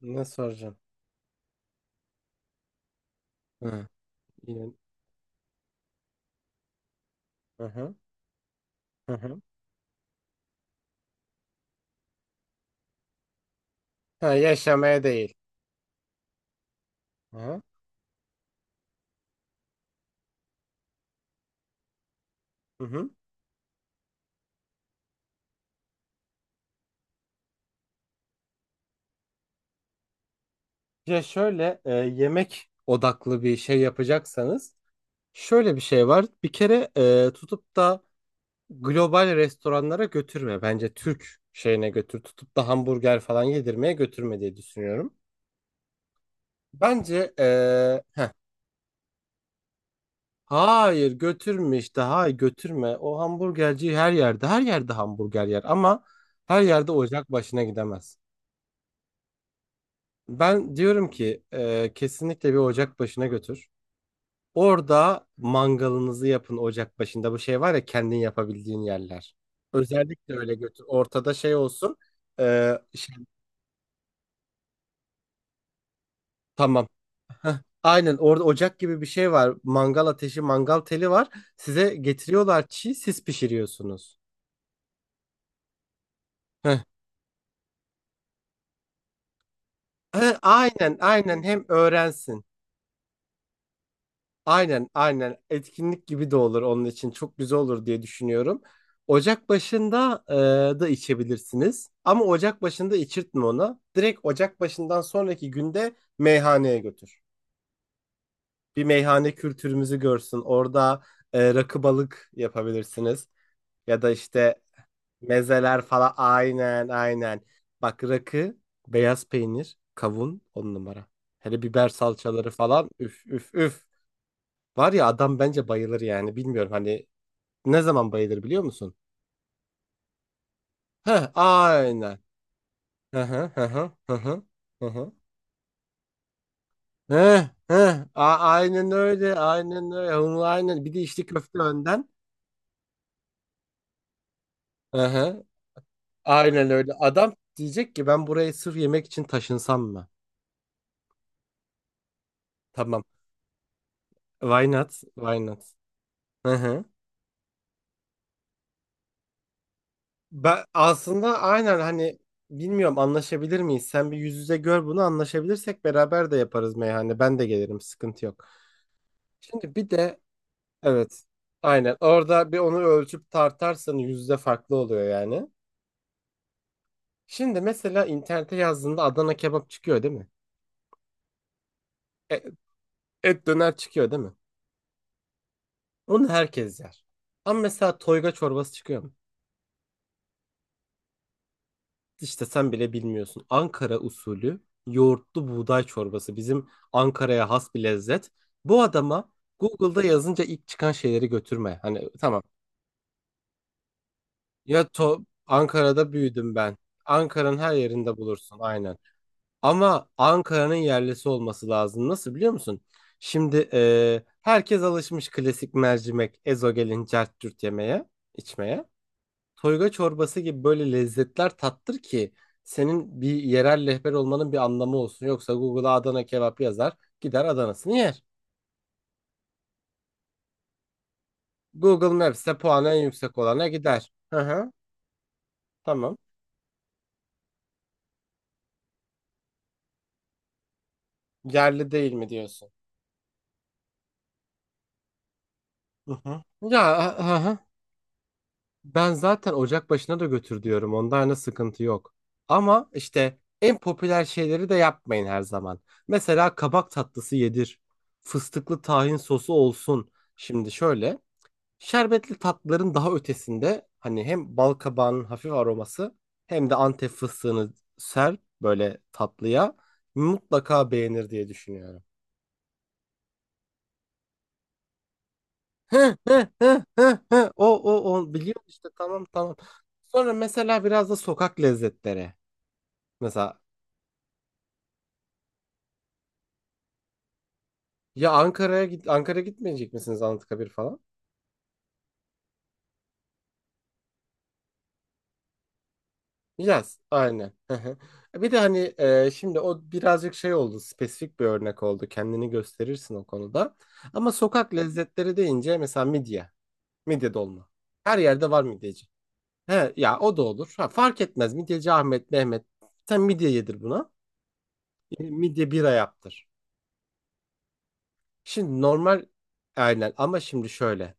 Ne soracağım? Hı. Yine. Hı hı. Hı hı. Ha, yaşamaya değil. Hı hı. Hı hı. Ya şöyle yemek odaklı bir şey yapacaksanız şöyle bir şey var. Bir kere tutup da global restoranlara götürme. Bence Türk şeyine götür. Tutup da hamburger falan yedirmeye götürme diye düşünüyorum. Bence heh. Hayır götürme işte. Hayır götürme. O hamburgerci her yerde hamburger yer ama her yerde ocak başına gidemez. Ben diyorum ki kesinlikle bir ocak başına götür. Orada mangalınızı yapın ocak başında. Bu şey var ya kendin yapabildiğin yerler. Özellikle öyle götür. Ortada şey olsun. Şey, tamam. Aynen orada ocak gibi bir şey var. Mangal ateşi, mangal teli var. Size getiriyorlar çiğ, siz pişiriyorsunuz. Heh. Ha, aynen aynen hem öğrensin. Aynen aynen etkinlik gibi de olur onun için çok güzel olur diye düşünüyorum. Ocak başında da içebilirsiniz ama ocak başında içirtme onu. Direkt ocak başından sonraki günde meyhaneye götür. Bir meyhane kültürümüzü görsün. Orada rakı balık yapabilirsiniz ya da işte mezeler falan aynen aynen. Bak rakı, beyaz peynir, kavun on numara. Hele biber salçaları falan üf üf üf. Var ya adam bence bayılır yani. Bilmiyorum hani ne zaman bayılır biliyor musun? Heh aynen. Hı hı hı hı hı hı. Hı hı. Heh, heh. Aynen öyle. Aynen öyle. Onu aynen. Bir de içli köfte önden. Hı hı. Aynen öyle. Adam diyecek ki ben buraya sırf yemek için taşınsam mı? Tamam. Why not? Why not? Hı hı. Ben aslında aynen hani bilmiyorum anlaşabilir miyiz? Sen bir yüz yüze gör bunu anlaşabilirsek beraber de yaparız meyhane. Ben de gelirim sıkıntı yok. Şimdi bir de. Evet. Aynen. Orada bir onu ölçüp tartarsan yüzde farklı oluyor yani. Şimdi mesela internete yazdığında Adana kebap çıkıyor değil mi? E- Et, döner çıkıyor değil mi? Onu herkes yer. Ama mesela toyga çorbası çıkıyor mu? İşte sen bile bilmiyorsun. Ankara usulü yoğurtlu buğday çorbası. Bizim Ankara'ya has bir lezzet. Bu adama Google'da yazınca ilk çıkan şeyleri götürme. Hani tamam. Ya Ankara'da büyüdüm ben. Ankara'nın her yerinde bulursun. Aynen. Ama Ankara'nın yerlisi olması lazım. Nasıl biliyor musun? Şimdi herkes alışmış klasik mercimek, ezogelin, cart yemeye, içmeye. Toyga çorbası gibi böyle lezzetler tattır ki senin bir yerel rehber olmanın bir anlamı olsun. Yoksa Google'a Adana kebap yazar, gider Adana'sını yer. Google Maps'te puanı en yüksek olana gider. Hı hı, tamam. Yerli değil mi diyorsun? Hı hı. Ya hı hı. Ben zaten ocak başına da götür diyorum. Onda hani sıkıntı yok. Ama işte en popüler şeyleri de yapmayın her zaman. Mesela kabak tatlısı yedir. Fıstıklı tahin sosu olsun. Şimdi şöyle. Şerbetli tatlıların daha ötesinde hani hem bal kabağının hafif aroması hem de Antep fıstığını ser böyle tatlıya. Mutlaka beğenir diye düşünüyorum. Hı hı hı hı hı. O biliyorum işte tamam tamam. Sonra mesela biraz da sokak lezzetleri. Mesela ya Ankara'ya gitmeyecek misiniz Anıtkabir falan? Yaz aynen. Hı hı. Bir de hani şimdi o birazcık şey oldu, spesifik bir örnek oldu kendini gösterirsin o konuda. Ama sokak lezzetleri deyince mesela midye dolma. Her yerde var midyeci. He, ya o da olur. Ha, fark etmez midyeci Ahmet, Mehmet. Sen midye yedir buna. Midye bira yaptır. Şimdi normal aynen ama şimdi şöyle.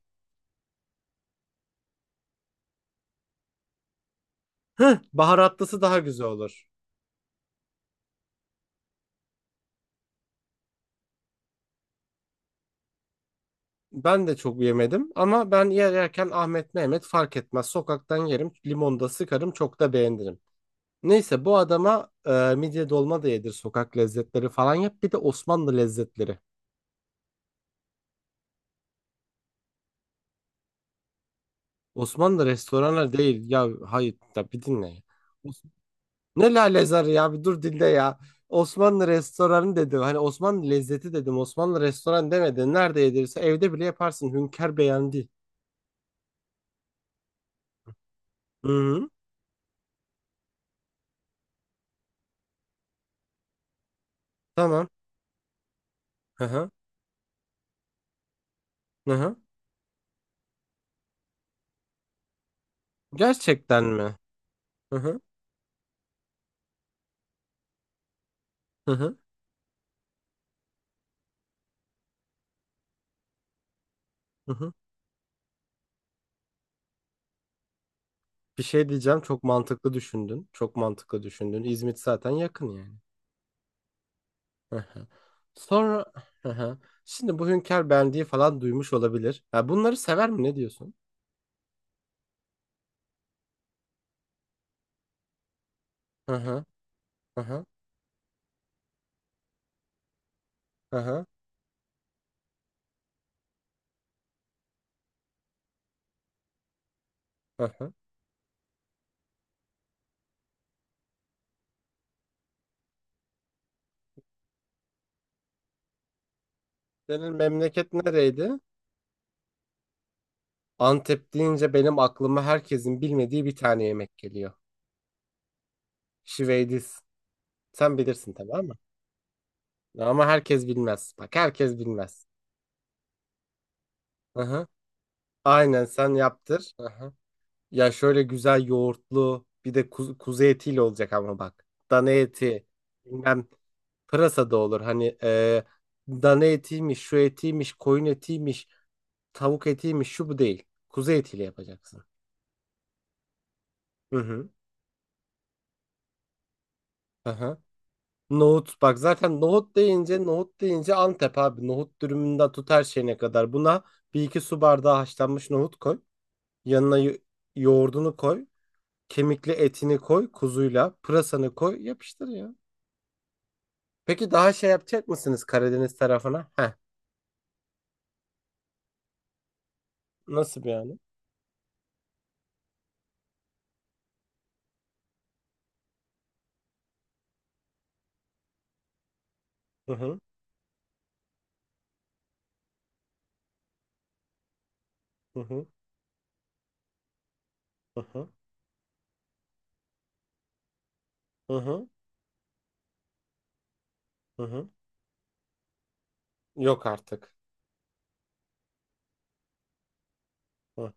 Baharatlısı daha güzel olur. Ben de çok yemedim ama ben yerken Ahmet Mehmet fark etmez. Sokaktan yerim, limonda sıkarım, çok da beğenirim. Neyse bu adama midye dolma da yedir, sokak lezzetleri falan yap. Bir de Osmanlı lezzetleri. Osmanlı restoranlar değil. Ya hayır da bir dinle ya. Os- Ne lalezarı ya, bir dur dinle ya. Osmanlı restoranı dedim. Hani Osmanlı lezzeti dedim. Osmanlı restoran demedin. Nerede yedirse evde bile yaparsın. Hünkar beğendi. Hı hı. Tamam. Hı hı. Hı hı. Gerçekten mi? Hı hı. Hı hı. Hı hı. Bir şey diyeceğim. Çok mantıklı düşündün. Çok mantıklı düşündün. İzmit zaten yakın yani. Hı hı. Sonra hı hı. Şimdi bu Hünkar Bendi'yi falan duymuş olabilir. Ya bunları sever mi? Ne diyorsun? Hı hı. Hı hı. Hı hı. Hı hı. Senin memleket nereydi? Antep deyince benim aklıma herkesin bilmediği bir tane yemek geliyor. Şiveydiz. Sen bilirsin tabii ama herkes bilmez. Bak herkes bilmez. Hı hı. Aynen sen yaptır. Ya şöyle güzel yoğurtlu bir de kuzu etiyle olacak ama bak. Dana eti bilmem, pırasa da olur. Hani dana etiymiş, şu etiymiş, koyun etiymiş, tavuk etiymiş, şu bu değil. Kuzu etiyle yapacaksın. Hı hı. Aha. Nohut, bak zaten nohut deyince Antep abi. Nohut dürümünden tut her şeyine kadar. Buna bir iki su bardağı haşlanmış nohut koy. Yanına yoğurdunu koy. Kemikli etini koy kuzuyla. Pırasanı koy yapıştır ya. Peki daha şey yapacak mısınız Karadeniz tarafına? Heh. Nasıl bir yani? Hı hı hı hı hı hı hı hı. Hı hı. Yok artık. Hı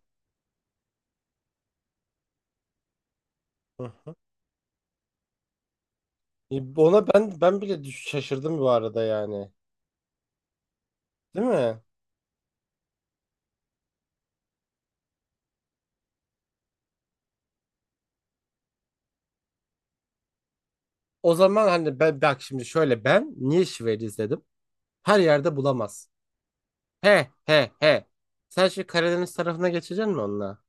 hı hı. Ona ben bile şaşırdım bu arada yani. Değil mi? O zaman hani ben bak şimdi şöyle, ben niye şiveli izledim? Her yerde bulamaz. He he he. Sen şu Karadeniz tarafına geçeceksin mi onunla?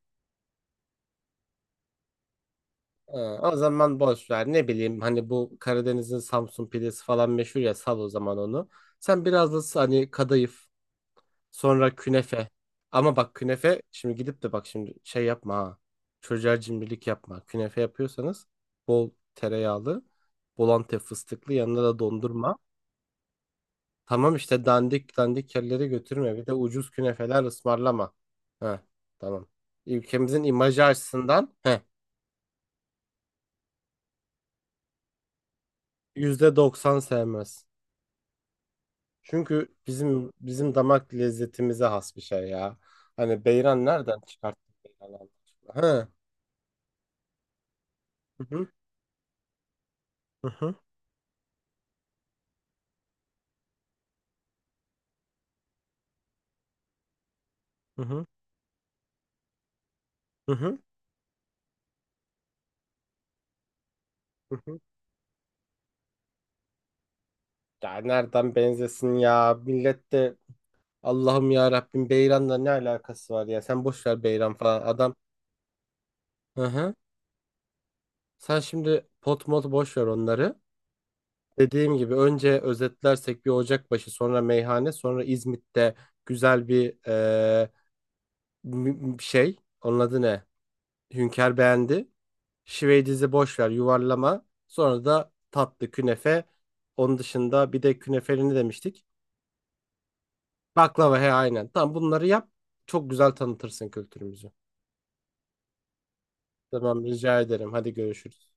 O zaman boş ver. Ne bileyim hani bu Karadeniz'in Samsun pidesi falan meşhur ya, sal o zaman onu. Sen biraz da hani kadayıf. Sonra künefe. Ama bak künefe, şimdi gidip de bak şimdi şey yapma ha. Çocuğa cimrilik yapma. Künefe yapıyorsanız bol tereyağlı, bol antep fıstıklı, yanına da dondurma. Tamam işte dandik dandik yerlere götürme. Bir de ucuz künefeler ısmarlama. He tamam. Ülkemizin imajı açısından he %90 sevmez. Çünkü bizim damak lezzetimize has bir şey ya. Hani beyran nereden çıkarttın, beyran Allah aşkına? He. Hı hı hı hı. Hı hı. Hı hı. Hı hı. Ya nereden benzesin ya? Millet de Allah'ım ya Rabbim, Beyran'la ne alakası var ya? Sen boş ver Beyran falan adam. Hı hı. Sen şimdi pot mot boş ver onları. Dediğim gibi önce özetlersek bir Ocakbaşı, sonra meyhane, sonra İzmit'te güzel bir şey. Onun adı ne? Hünkar beğendi. Şiveydizi boş ver, yuvarlama. Sonra da tatlı künefe. Onun dışında bir de künefeli ne demiştik? Baklava, he aynen. Tamam bunları yap. Çok güzel tanıtırsın kültürümüzü. Tamam rica ederim. Hadi görüşürüz.